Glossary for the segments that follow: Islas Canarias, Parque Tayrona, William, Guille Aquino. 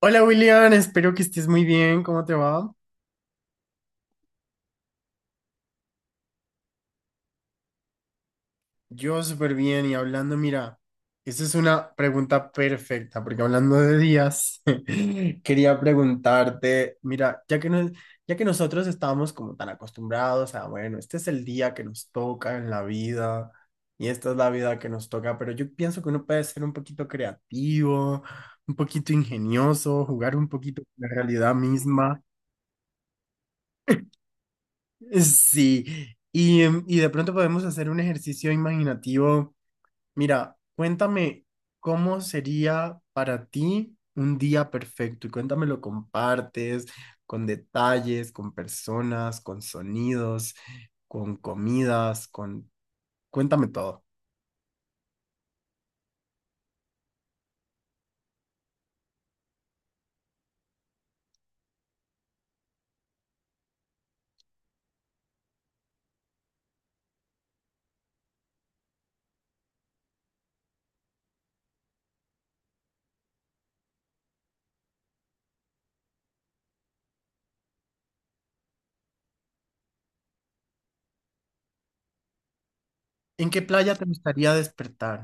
Hola William, espero que estés muy bien. ¿Cómo te va? Yo súper bien y hablando, mira, esa es una pregunta perfecta porque hablando de días, quería preguntarte, mira, ya que nosotros estábamos como tan acostumbrados a, bueno, este es el día que nos toca en la vida y esta es la vida que nos toca, pero yo pienso que uno puede ser un poquito creativo, un poquito ingenioso, jugar un poquito con la realidad misma. Sí, y de pronto podemos hacer un ejercicio imaginativo. Mira, cuéntame cómo sería para ti un día perfecto y cuéntame lo compartes con detalles, con personas, con sonidos, con comidas, con... Cuéntame todo. ¿En qué playa te gustaría despertar?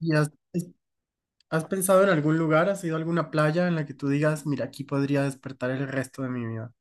¿Y has, es- ¿Has pensado en algún lugar? ¿Has ido a alguna playa en la que tú digas, mira, aquí podría despertar el resto de mi vida?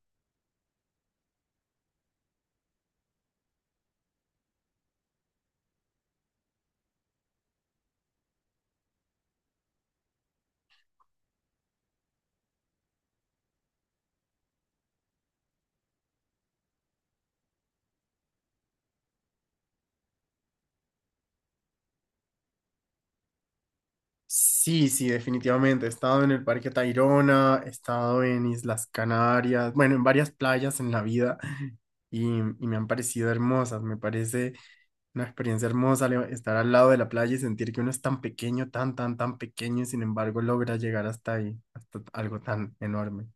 Sí, sí, definitivamente. He estado en el Parque Tayrona, he estado en Islas Canarias, bueno, en varias playas en la vida y me han parecido hermosas. Me parece una experiencia hermosa estar al lado de la playa y sentir que uno es tan pequeño, tan pequeño y sin embargo logra llegar hasta ahí, hasta algo tan enorme.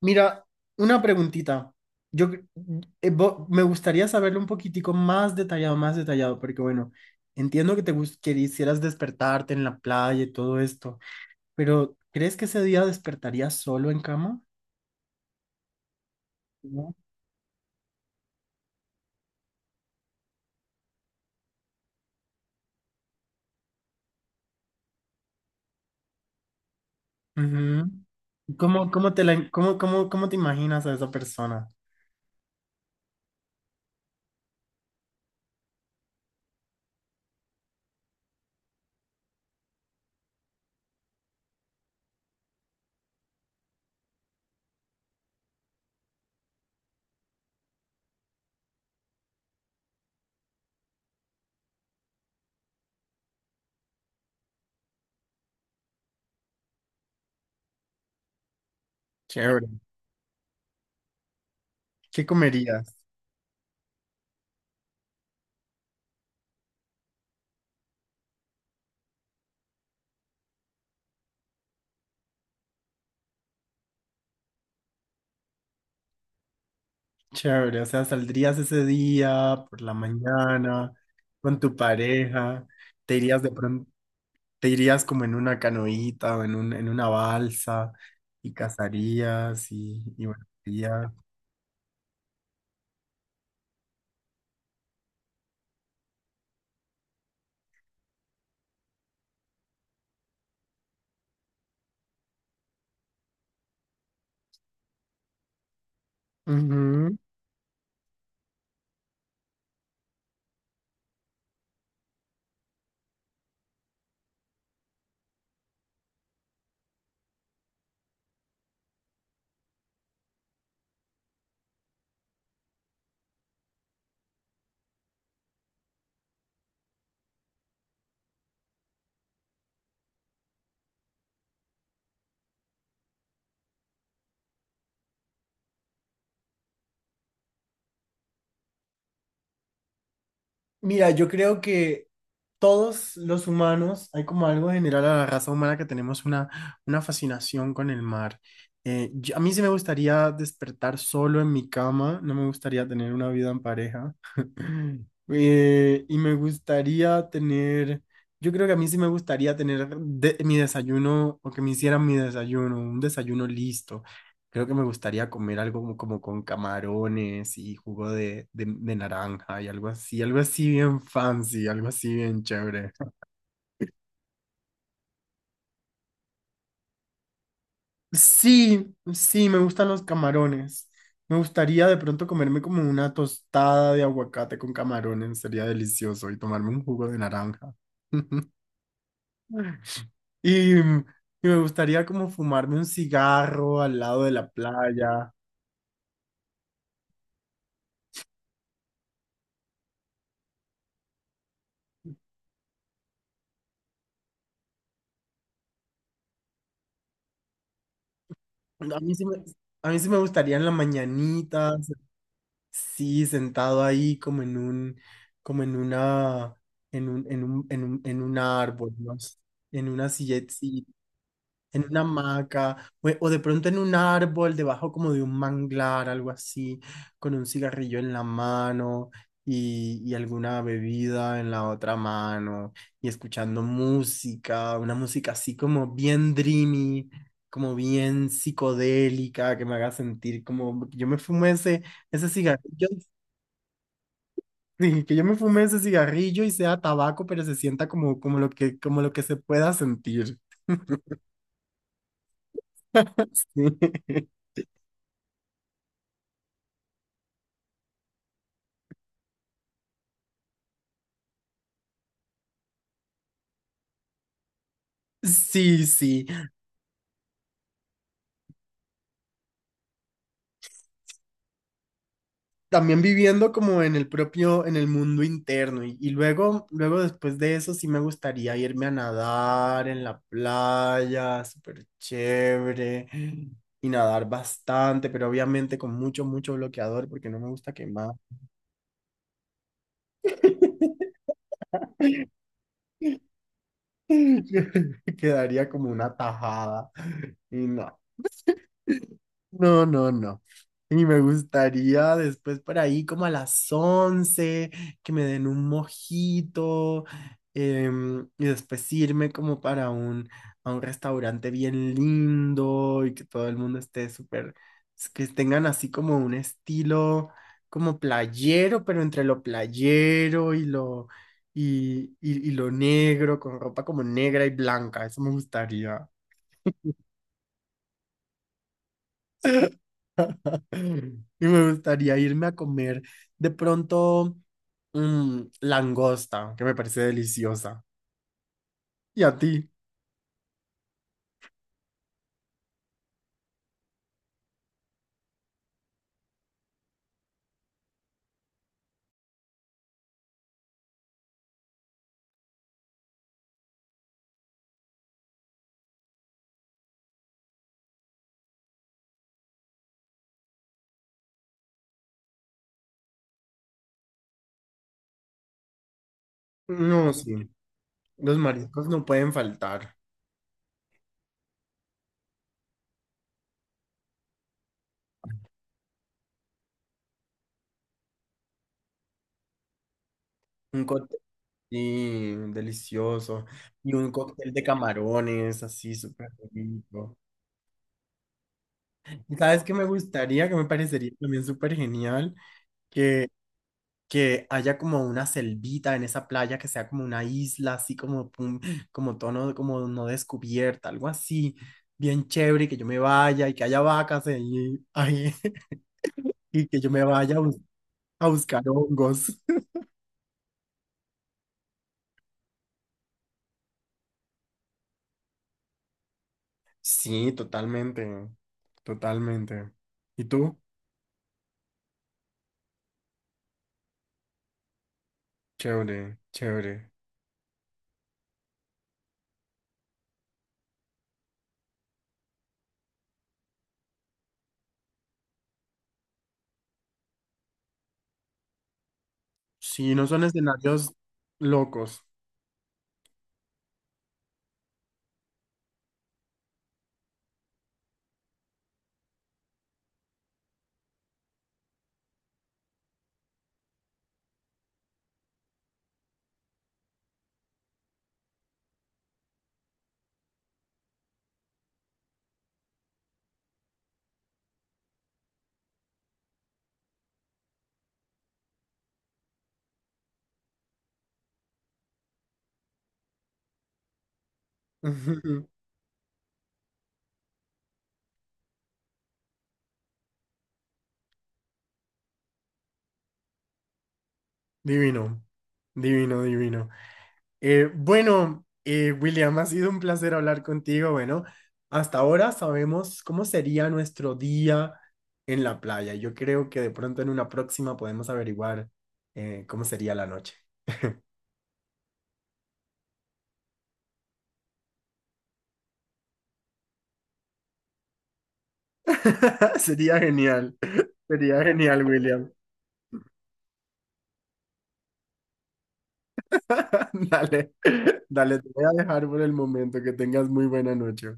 Mira, una preguntita. Yo cre- me gustaría saberlo un poquitico más detallado, porque bueno, entiendo que que quisieras despertarte en la playa y todo esto. Pero, ¿crees que ese día despertarías solo en cama? ¿No? Ujú. ¿Cómo, cómo te la, cómo, cómo, cómo te imaginas a esa persona? Chévere. ¿Qué comerías? Chévere. O sea, saldrías ese día por la mañana con tu pareja, te irías de pronto, te irías como en una canoita o en una balsa y cazarías y bueno, ya. Ujú. Mira, yo creo que todos los humanos, hay como algo general a la raza humana que tenemos una fascinación con el mar. A mí sí me gustaría despertar solo en mi cama, no me gustaría tener una vida en pareja. Y me gustaría tener, yo creo que a mí sí me gustaría mi desayuno o que me hicieran mi desayuno, un desayuno listo. Creo que me gustaría comer algo como, como con camarones y jugo de naranja y algo así bien fancy, algo así bien chévere. Sí, sí, me gustan los camarones. Me gustaría de pronto comerme como una tostada de aguacate con camarones, sería delicioso, y tomarme un jugo de naranja. Y, y me gustaría como fumarme un cigarro al lado de la playa. A mí sí me, a mí sí me gustaría en la mañanita. Sí, sentado ahí como en un, como en una, en un árbol, ¿no? En una silleta, sí, en una hamaca, o de pronto en un árbol, debajo como de un manglar, algo así, con un cigarrillo en la mano y alguna bebida en la otra mano, y escuchando música, una música así como bien dreamy, como bien psicodélica, que me haga sentir como, yo me fumé ese... Ese cigarrillo. Sí, que yo me fume ese cigarrillo y sea tabaco, pero se sienta como, como lo que se pueda sentir. Sí, sí. También viviendo como en el propio, en el mundo interno. Y luego, luego después de eso sí me gustaría irme a nadar en la playa, súper chévere. Y nadar bastante, pero obviamente con mucho, mucho bloqueador porque no me gusta quemar. Quedaría como una tajada. Y no. No, no, no. Y me gustaría después por ahí como a las 11 que me den un mojito, y después irme como a un restaurante bien lindo y que todo el mundo esté súper, que tengan así como un estilo como playero, pero entre lo playero y lo, y lo negro, con ropa como negra y blanca. Eso me gustaría. Y me gustaría irme a comer de pronto langosta, que me parece deliciosa. ¿Y a ti? No, sí. Los mariscos no pueden faltar. Un cóctel, sí, delicioso. Y un cóctel de camarones, así súper rico. ¿Y sabes qué me gustaría? Que me parecería también súper genial. Que que haya como una selvita en esa playa, que sea como una isla, así como, pum, como tono, como no descubierta, algo así, bien chévere, y que yo me vaya y que haya vacas ahí, ahí, y que yo me vaya a buscar hongos. Sí, totalmente, totalmente. ¿Y tú? Chévere, chévere. Sí, no son escenarios locos. Divino, divino, divino. Bueno, William, ha sido un placer hablar contigo. Bueno, hasta ahora sabemos cómo sería nuestro día en la playa. Yo creo que de pronto en una próxima podemos averiguar cómo sería la noche. Sería genial, sería genial, William. Dale, dale, te voy a dejar por el momento. Que tengas muy buena noche.